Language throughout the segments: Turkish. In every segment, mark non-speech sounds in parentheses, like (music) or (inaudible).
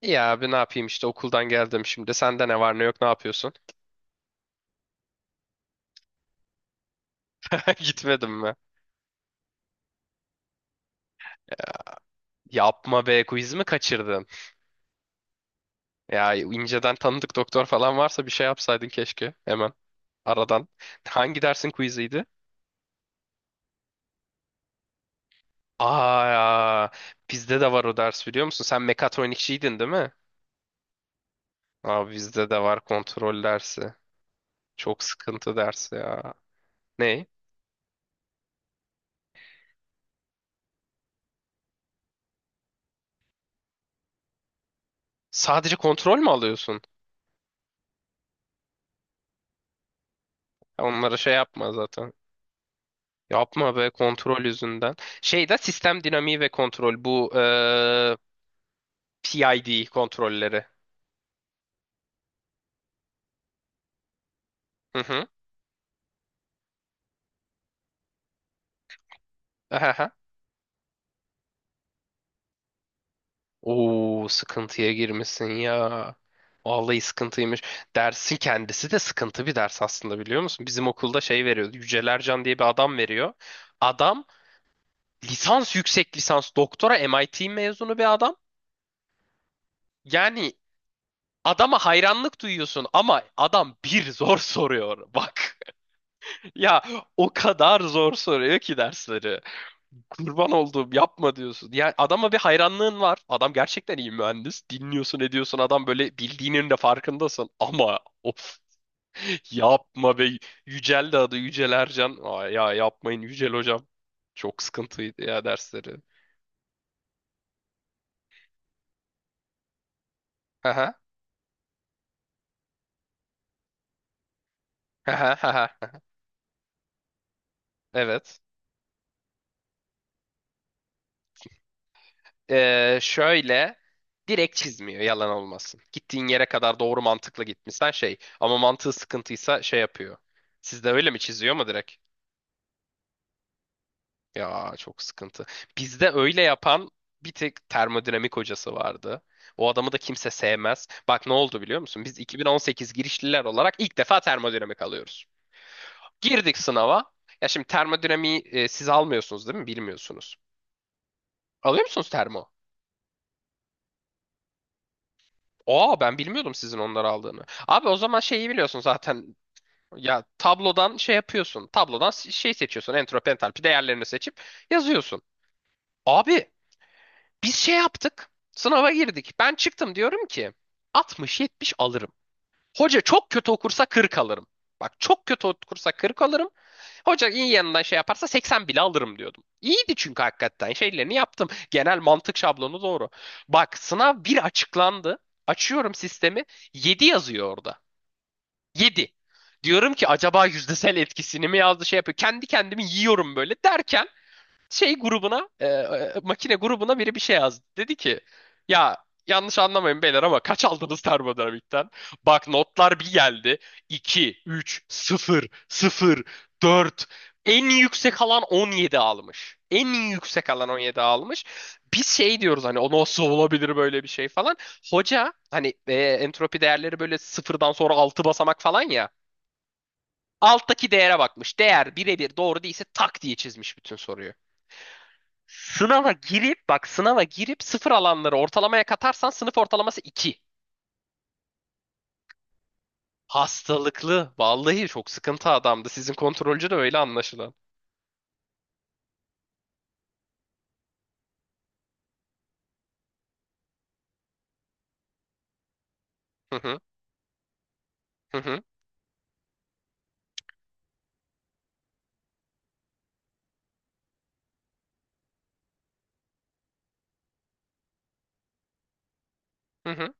İyi abi ne yapayım işte okuldan geldim şimdi. Sende ne var ne yok ne yapıyorsun? (laughs) Gitmedim mi? Yapma be, quiz mi kaçırdın? Ya inceden tanıdık doktor falan varsa bir şey yapsaydın keşke hemen aradan. (laughs) Hangi dersin quiziydi? Aa, bizde de var o ders, biliyor musun? Sen mekatronikçiydin değil mi? Abi bizde de var kontrol dersi. Çok sıkıntı dersi ya. Ne? Sadece kontrol mü alıyorsun? Ya onlara şey yapma zaten. Yapma be, kontrol yüzünden. Şey de sistem dinamiği ve kontrol bu PID kontrolleri. Hı hı. Ahaha. Oo, sıkıntıya girmişsin ya. Vallahi sıkıntıymış. Dersin kendisi de sıkıntı bir ders aslında, biliyor musun? Bizim okulda şey veriyordu. Yücel Ercan diye bir adam veriyor. Adam lisans, yüksek lisans, doktora MIT mezunu bir adam. Yani adama hayranlık duyuyorsun ama adam bir zor soruyor. Bak. Ya o kadar zor soruyor ki dersleri. Kurban olduğum yapma diyorsun. Yani adama bir hayranlığın var. Adam gerçekten iyi mühendis. Dinliyorsun ediyorsun, adam böyle bildiğinin de farkındasın. Ama of, yapma be. Yücel de adı, Yücel Ercan. Aa, ya yapmayın Yücel hocam. Çok sıkıntıydı ya dersleri. Haha. Haha. Evet. Şöyle, direkt çizmiyor yalan olmasın. Gittiğin yere kadar doğru mantıklı gitmişsen şey, ama mantığı sıkıntıysa şey yapıyor. Sizde öyle mi, çiziyor mu direkt? Ya çok sıkıntı. Bizde öyle yapan bir tek termodinamik hocası vardı. O adamı da kimse sevmez. Bak ne oldu, biliyor musun? Biz 2018 girişliler olarak ilk defa termodinamik alıyoruz. Girdik sınava. Ya şimdi termodinamiği siz almıyorsunuz değil mi? Bilmiyorsunuz. Alıyor musunuz termo? Aa, ben bilmiyordum sizin onları aldığını. Abi o zaman şeyi biliyorsun zaten. Ya tablodan şey yapıyorsun. Tablodan şey seçiyorsun. Entropi, entalpi değerlerini seçip yazıyorsun. Abi biz şey yaptık. Sınava girdik. Ben çıktım, diyorum ki 60-70 alırım. Hoca çok kötü okursa 40 alırım. Bak, çok kötü okursa 40 alırım. Hoca iyi yanından şey yaparsa 80 bile alırım diyordum. İyiydi çünkü, hakikaten şeylerini yaptım. Genel mantık şablonu doğru. Bak sınav bir açıklandı. Açıyorum sistemi. 7 yazıyor orada. 7. Diyorum ki acaba yüzdesel etkisini mi yazdı, şey yapıyor. Kendi kendimi yiyorum böyle derken şey grubuna makine grubuna biri bir şey yazdı. Dedi ki ya, yanlış anlamayın beyler ama kaç aldınız termodinamikten? Bak notlar bir geldi. İki, üç, sıfır, sıfır, dört. En yüksek alan 17 almış. En yüksek alan 17 almış. Biz şey diyoruz hani, o nasıl olabilir, böyle bir şey falan. Hoca hani entropi değerleri böyle sıfırdan sonra 6 basamak falan ya. Alttaki değere bakmış. Değer birebir doğru değilse tak diye çizmiş bütün soruyu. Sınava girip, bak, sınava girip sıfır alanları ortalamaya katarsan sınıf ortalaması 2. Hastalıklı. Vallahi çok sıkıntı adamdı. Sizin kontrolcü de öyle anlaşılan. Hı hı, hı hı, hı. Hı.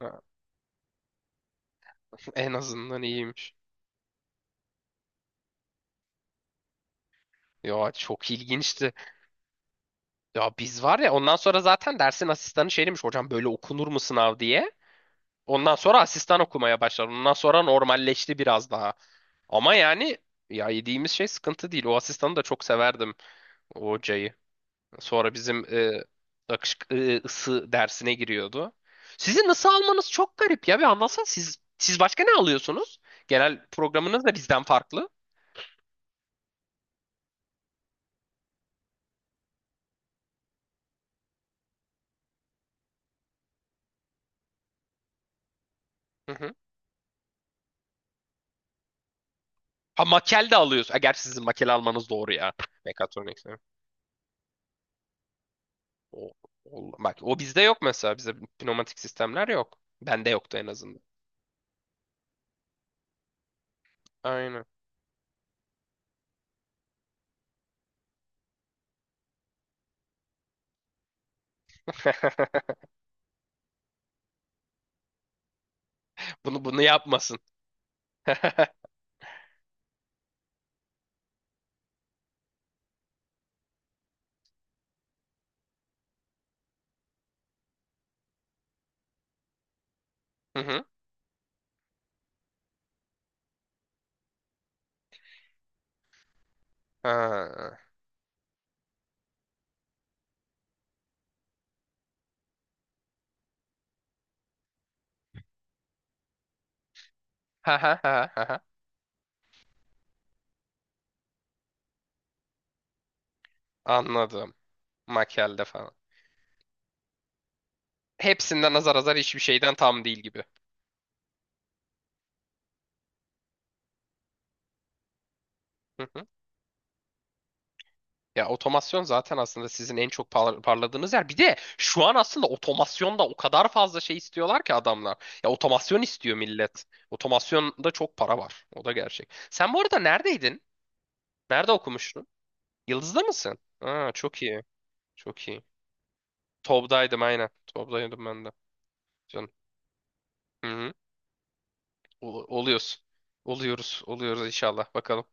Ha, en azından iyiymiş. Ya çok ilginçti. Ya biz var ya, ondan sonra zaten dersin asistanı şey demiş, hocam böyle okunur mu sınav diye. Ondan sonra asistan okumaya başlar. Ondan sonra normalleşti biraz daha. Ama yani, ya yediğimiz şey sıkıntı değil. O asistanı da çok severdim, o hocayı. Sonra bizim akış, ısı dersine giriyordu. Sizin ısı almanız çok garip ya. Bir anlatsana, siz başka ne alıyorsunuz? Genel programınız da bizden farklı. Hı hı. Ha, makel de alıyorsun. Ha, gerçi sizin makel almanız doğru ya. Mekatronics. Evet. O, Bak o bizde yok mesela. Bizde pneumatik sistemler yok. Bende yoktu en azından. Aynen. (laughs) Bunu yapmasın. (laughs) Hı hı. Ha. Ha ha ha ha. Ha. Anladım. Makyelde falan. Hepsinden azar azar, hiçbir şeyden tam değil gibi. Hı hı. Ya otomasyon zaten aslında sizin en çok parladığınız yer. Bir de şu an aslında otomasyonda o kadar fazla şey istiyorlar ki adamlar. Ya otomasyon istiyor millet. Otomasyonda çok para var. O da gerçek. Sen bu arada neredeydin? Nerede okumuştun? Yıldız'da mısın? Aa, çok iyi. Çok iyi. Tob'daydım aynen. Tob'daydım ben de. Canım. Hı hı. Oluyoruz. Oluyoruz. Oluyoruz inşallah. Bakalım.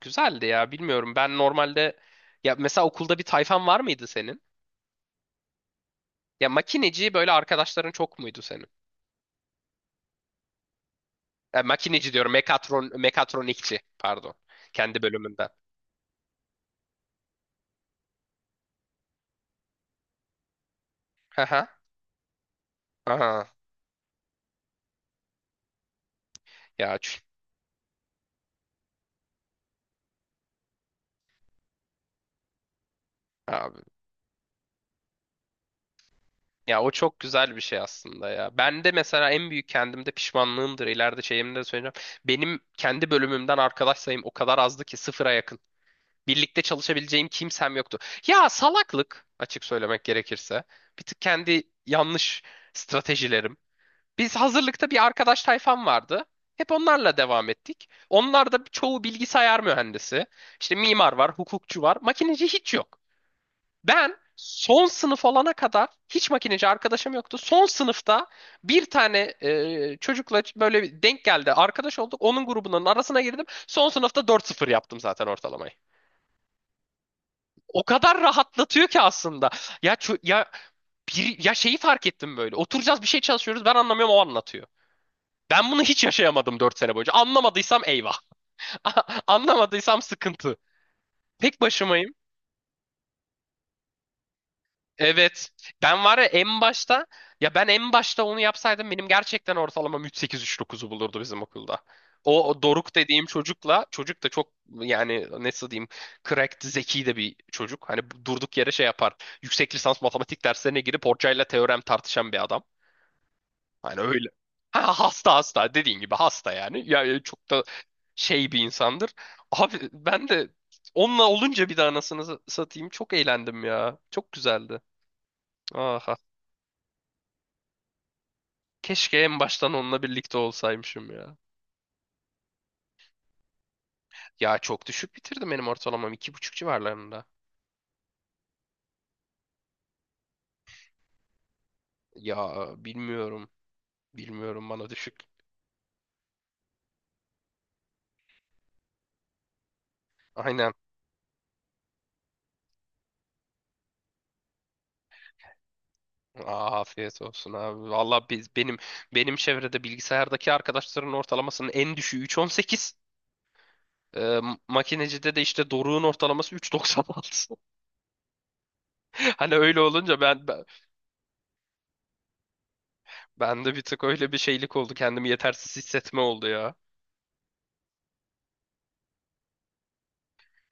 Güzeldi ya. Bilmiyorum. Ben normalde, ya mesela, okulda bir tayfan var mıydı senin? Ya makineci böyle arkadaşların çok muydu senin? Ya makineci diyorum. Mekatronikçi pardon. Kendi bölümünden. Haha. Aha. Ya abi. Ya o çok güzel bir şey aslında ya. Ben de mesela en büyük kendimde pişmanlığımdır. İleride şeyimde de söyleyeceğim. Benim kendi bölümümden arkadaş sayım o kadar azdı ki, sıfıra yakın. Birlikte çalışabileceğim kimsem yoktu. Ya salaklık, açık söylemek gerekirse. Bir tık kendi yanlış stratejilerim. Biz hazırlıkta bir arkadaş tayfam vardı. Hep onlarla devam ettik. Onlar da çoğu bilgisayar mühendisi. İşte mimar var, hukukçu var. Makineci hiç yok. Ben son sınıf olana kadar hiç makineci arkadaşım yoktu. Son sınıfta bir tane çocukla böyle bir denk geldi. Arkadaş olduk. Onun grubunun arasına girdim. Son sınıfta dört sıfır yaptım zaten ortalamayı. O kadar rahatlatıyor ki aslında. Ya bir ya şeyi fark ettim böyle. Oturacağız, bir şey çalışıyoruz. Ben anlamıyorum, o anlatıyor. Ben bunu hiç yaşayamadım 4 sene boyunca. Anlamadıysam eyvah. (laughs) Anlamadıysam sıkıntı. Tek başımayım. Evet. Ben var ya, en başta, ya ben en başta onu yapsaydım benim gerçekten ortalamam 3,8-3,9'u bulurdu bizim okulda. O Doruk dediğim çocukla, çocuk da çok, yani nasıl diyeyim, cracked, zeki de bir çocuk. Hani durduk yere şey yapar. Yüksek lisans matematik derslerine girip hocayla teorem tartışan bir adam. Hani öyle. Ha, hasta, hasta dediğin gibi, hasta yani. Ya çok da şey bir insandır. Abi ben de onunla olunca, bir daha anasını satayım, çok eğlendim ya. Çok güzeldi. Ah. Keşke en baştan onunla birlikte olsaymışım ya. Ya çok düşük bitirdim benim ortalamam. 2,5 civarlarında. Ya bilmiyorum. Bilmiyorum, bana düşük. Aynen. Aa, afiyet olsun abi. Valla biz, benim benim çevrede bilgisayardaki arkadaşların ortalamasının en düşüğü 3,18. Ee, Makinecide de işte Doruk'un ortalaması 3,96. (laughs) Hani öyle olunca ben de bir tık öyle bir şeylik oldu. Kendimi yetersiz hissetme oldu ya.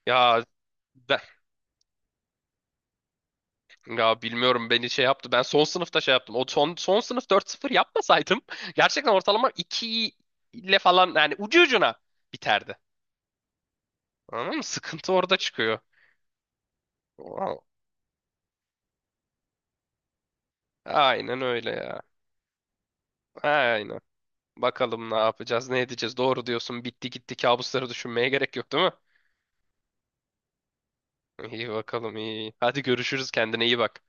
Ya ben, Ya bilmiyorum, beni şey yaptı. Ben son sınıfta şey yaptım. O son sınıf dört sıfır yapmasaydım (laughs) gerçekten ortalama 2 ile falan, yani ucu ucuna biterdi. Anladın mı? Sıkıntı orada çıkıyor. Wow. Aynen öyle ya. Aynen. Bakalım ne yapacağız, ne edeceğiz. Doğru diyorsun. Bitti gitti. Kabusları düşünmeye gerek yok, değil mi? İyi bakalım iyi. Hadi görüşürüz. Kendine iyi bak.